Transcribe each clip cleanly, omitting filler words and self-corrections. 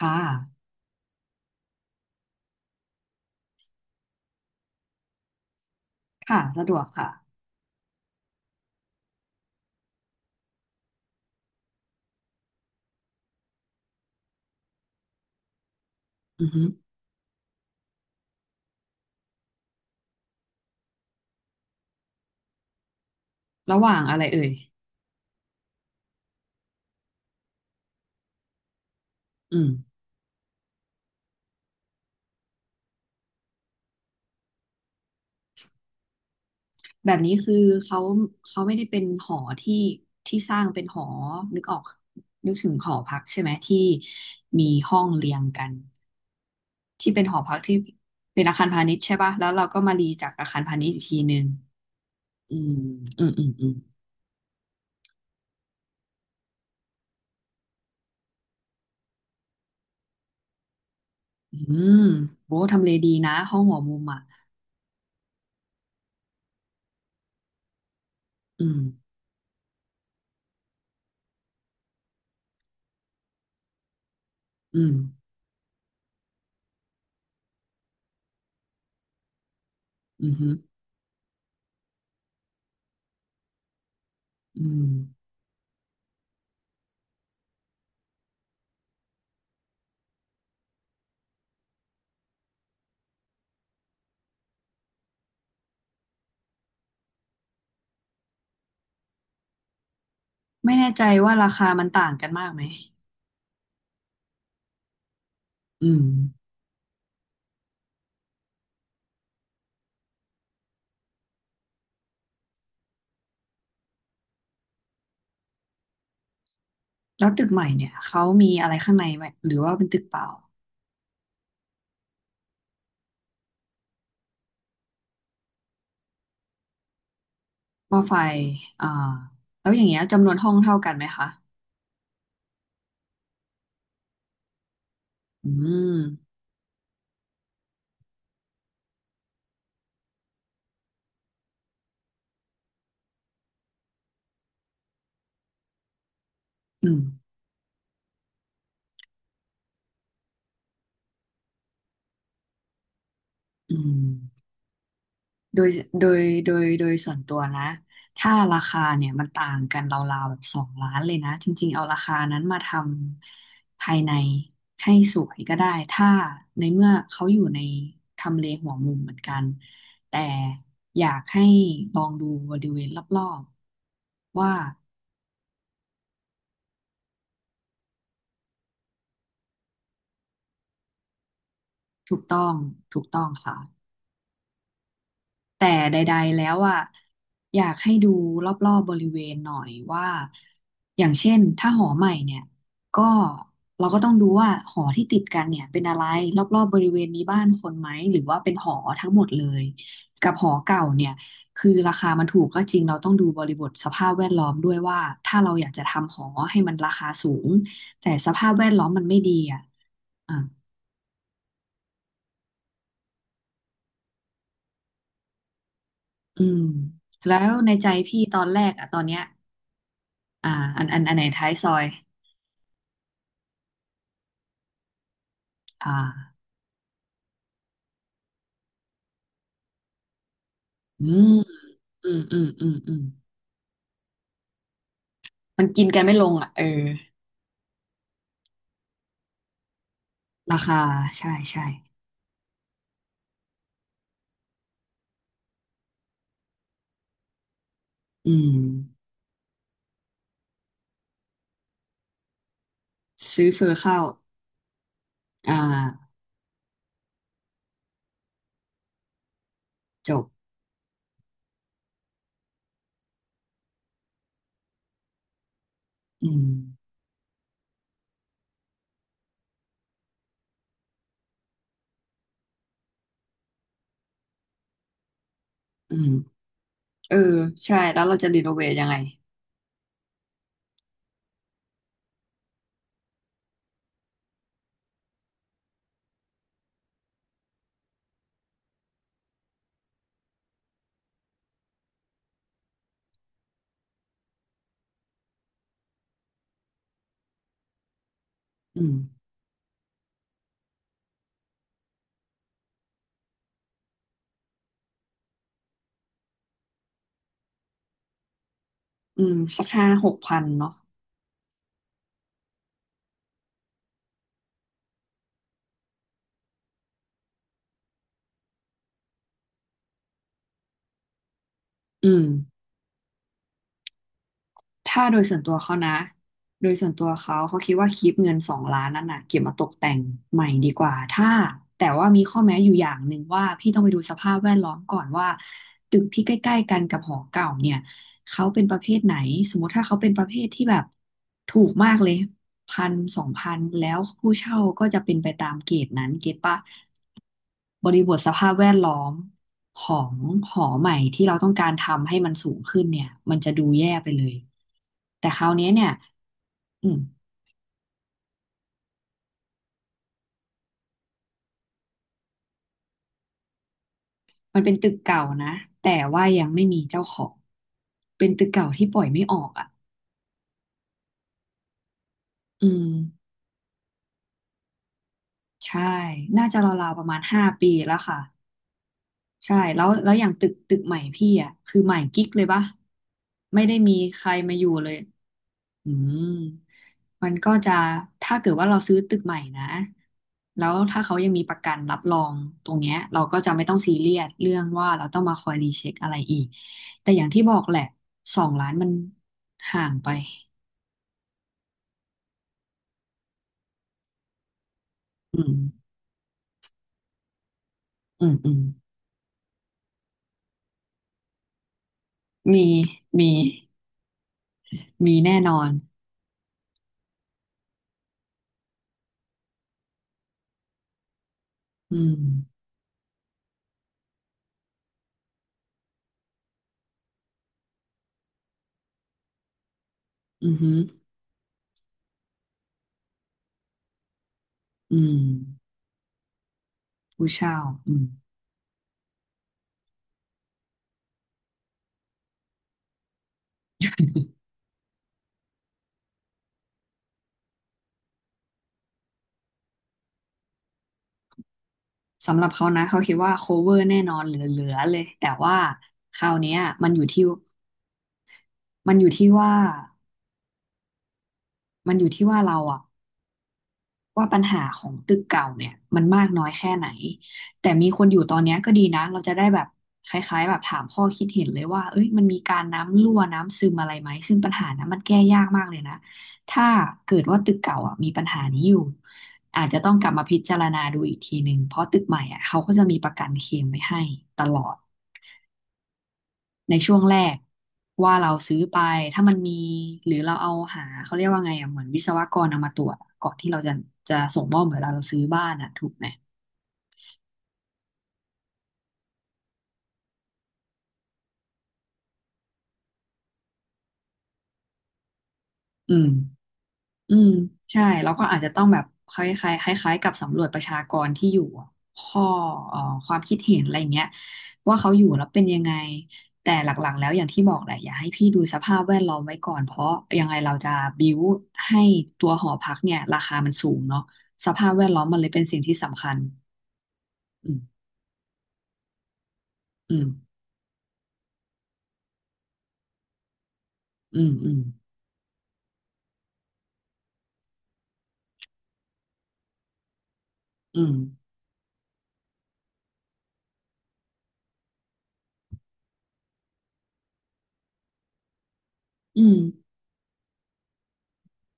ค่ะค่ะ สะดวกค่ะอือฮึระหว่างอะไรเอ่ยอืมแบบนี้คือเขาเขาไม่ได้เป็นหอที่ที่สร้างเป็นหอนึกออกนึกถึงหอพักใช่ไหมที่มีห้องเรียงกัน ที่เป็นหอพักที่เป็นอาคารพาณิชย์ใช่ป่ะแล้วเราก็มารีจากอาคารพาณิชย์อีกทีนึงอืมอืมอืมอืมอืมโอ้ทำเลดีนะห้องหัวมุมอ่ะ อืมอืมอืมอฮึออืมไม่แน่ใจว่าราคามันต่างกันมากไหมอืม แล้วตึกใหม่เนี่ยเขามีอะไรข้างในไหมหรือว่าเป็นตึกเปล่าว่าไฟอ่าแล้วอย่างเงี้ยจำนวนห้องเท่ากันไหมคะอืมอืมอืมโดยโดยโดยส่วนตัวนะถ้าราคาเนี่ยมันต่างกันราวๆแบบสองล้านเลยนะจริงๆเอาราคานั้นมาทำภายในให้สวยก็ได้ถ้าในเมื่อเขาอยู่ในทำเลหัวมุมเหมือนกันแต่อยากให้ลองดูบริเวณรอบๆว่า ถูกต้องถูกต้องค่ะแต่ใดๆแล้วอ่ะอยากให้ดูรอบๆบริเวณหน่อยว่า อย่างเช่นถ้าหอใหม่เนี่ยก็เราก็ต้องดูว่าหอที่ติดกันเนี่ยเป็นอะไรรอบๆบริเวณมีบ้านคนไหมหรือว่าเป็นหอทั้งหมดเลยกับหอเก่าเนี่ยคือราคามันถูกก็จริงเราต้องดูบริบทสภาพแวดล้อมด้วยว่าถ้าเราอยากจะทำหอให้มันราคาสูงแต่สภาพแวดล้อมมันไม่ดีอ่ะอ่ะอืมแล้วในใจพี่ตอนแรกอ่ะตอนเนี้ย อ่าอันไหนท้ายซอยอ่าอืมอืมอืมอืมอืมมันกินกันไม่ลงอ่ะเออราคาใช่ใช่อืมซื้อเฟอเข้าอ่าจบอืมอืมเออใช่แล้วเราจะรีโนเวทยังไงอืมอืมสักห้าหกพันเนาะอืม ถ้าโดยส่วนตัวเขานะ โดยส่วนตัวเขาเขาคิดว่าคลิปเงินสองล้านนั่นน่ะเก็บมาตกแต่งใหม่ดีกว่า ถ้าแต่ว่ามีข้อแม้อยู่อย่างหนึ่งว่าพี่ต้องไปดูสภาพแวดล้อมก่อนว่าตึกที่ใกล้ๆกันกับหอเก่าเนี่ย เขาเป็นประเภทไหนสมมติถ้าเขาเป็นประเภทที่แบบถูกมากเลยพันสองพันแล้วผู้เช่าก็จะเป็นไปตามเกรดนั้นเก็ตปะบริบทสภาพแวดล้อมของหอใหม่ที่เราต้องการทำให้มันสูงขึ้นเนี่ยมันจะดูแย่ไปเลยแต่คราวเนี้ยเนี่ยอืมมันเป็นตึกเก่านะแต่ว่ายังไม่มีเจ้าของเป็นตึกเก่าที่ปล่อยไม่ออกอ่ะอืมใช่น่าจะราวๆประมาณห้าปีแล้วค่ะ ใช่แล้วแล้วอย่างตึกใหม่พี่อ่ะคือใหม่กิ๊กเลยปะไม่ได้มีใครมาอยู่เลยอืมมันก็จะถ้าเกิดว่าเราซื้อตึกใหม่นะแล้วถ้าเขายังมีประกันรับรองตรงเนี้ยเราก็จะไม่ต้องซีเรียสเรื่องว่าเราต้องมาคอยรีเช็คอะไรอีกแต่อย่างที่บอกแหละสองล้านมันห่างไปอืมอืมอืมมีมีมีแน่นอนอืมอือหืออืมผู้เช่าอืม สำหรับเขานะเขาคิดว่า cover แน่นอนเหลือๆเลยแต่ว่าคราวเนี้ยมันอยู่ที่มันอยู่ที่ว่ามันอยู่ที่ว่าเราอะว่าปัญหาของตึกเก่าเนี่ยมันมากน้อยแค่ไหนแต่มีคนอยู่ตอนเนี้ยก็ดีนะเราจะได้แบบคล้ายๆแบบถามข้อคิดเห็นเลยว่าเอ้ยมันมีการน้ำรั่วน้ำซึมอะไรไหมซึ่งปัญหานั้นมันแก้ยากมากเลยนะถ้าเกิดว่าตึกเก่าอ่ะมีปัญหานี้อยู่อาจจะต้องกลับมาพิจารณาดูอีกทีหนึ่งเพราะตึกใหม่อ่ะเขาก็จะมีประกันเคลมไว้ให้ตลอด ในช่วงแรกว่าเราซื้อไปถ้ามันมีหรือเราเอาหาเขาเรียกว่าไงอ่ะเหมือนวิศวกรเอามาตรวจอะก่อนที่เราจะจะส่งมอบเหมือนเราซื้อบ้านอ่ะถูกไหมอืมอืมใช่เร้ก็อาจจะต้องแบบคล้ายๆคล้ายๆกับสำรวจประชากรที่อยู่อะข้อเอ่อความคิดเห็นอะไรเงี้ยว่าเขาอยู่แล้วเป็นยังไงแต่หลักๆแล้วอย่างที่บอกแหละอย่าให้พี่ดูสภาพแวดล้อมไว้ก่อนเพราะยังไงเราจะบิ้วให้ตัวหอพักเนี่ยราคามันสูงเนาะสภาพแวดล้อมมันเลยเป็นสิ่งที่สำคัญ อืมอืมอืมอืมอืมอืม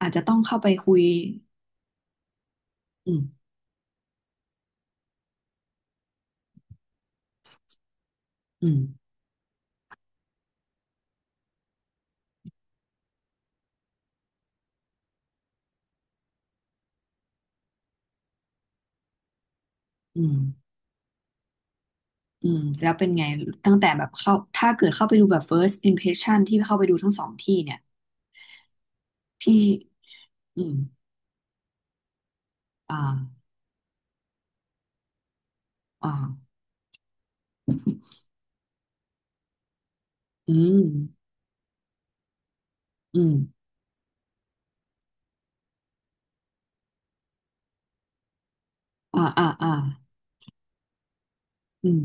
อาจจะต้องเข้าไปคุยอืมอืมอืมอืมแล้วเป็นไงตั้งแต่แบบเข้าถ้าเกิดเข้าไปดูแบบ first impression ที่เข้าไปดูทั้งสองที่เนี่ยพี่อืมอ่าอ่าอืมอืมอ่าอ่าอ่าอืม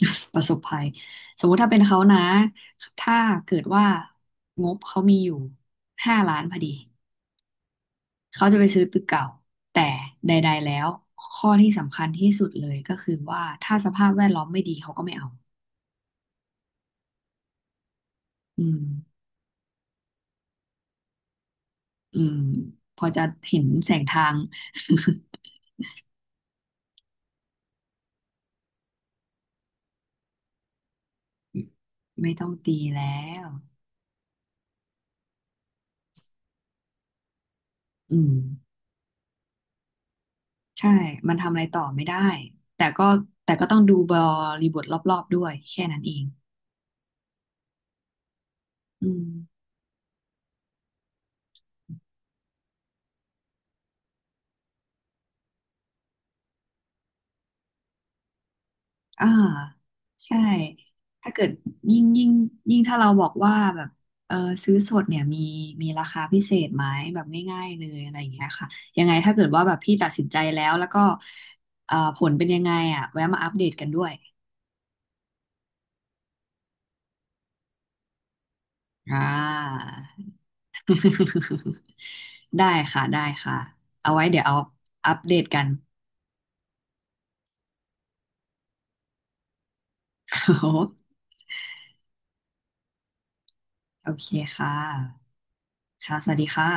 ประสบภัยสมมุติถ้าเป็นเขานะถ้าเกิดว่างบเขามีอยู่ห้าล้านพอดี เขาจะไปซื้อตึกเก่า แต่ใดๆแล้วข้อที่สำคัญที่สุดเลยก็คือว่าถ้าสภาพแวดล้อมไม่ดีเขาก็ไม่เอา อืมอืมพอจะเห็นแสงทาง ไม่ต้องตีแล้ว อืมใช่ มันทำอะไรต่อไม่ได้ แต่ก็แต่ก็ต้องดูบริบทรอบๆด้วยแค่นั้นเองอืม อ่าใช่ถ้าเกิดยิ่งยิ่งยิ่งถ้าเราบอกว่าแบบเออซื้อสดเนี่ยมีราคาพิเศษไหมแบบง่ายๆเลยอะไรอย่างเงี้ยค่ะยังไงถ้าเกิดว่าแบบพี่ตัดสินใจแล้วแล้วก็ผลเป็นยังไงอ่ะแวะมาอัปเดตกันด้วยอ่า ได้ค่ะได้ค่ะเอาไว้เดี๋ยวเอาอัปเดตกัน โอเคค่ะค่ะสวัสดีค่ะ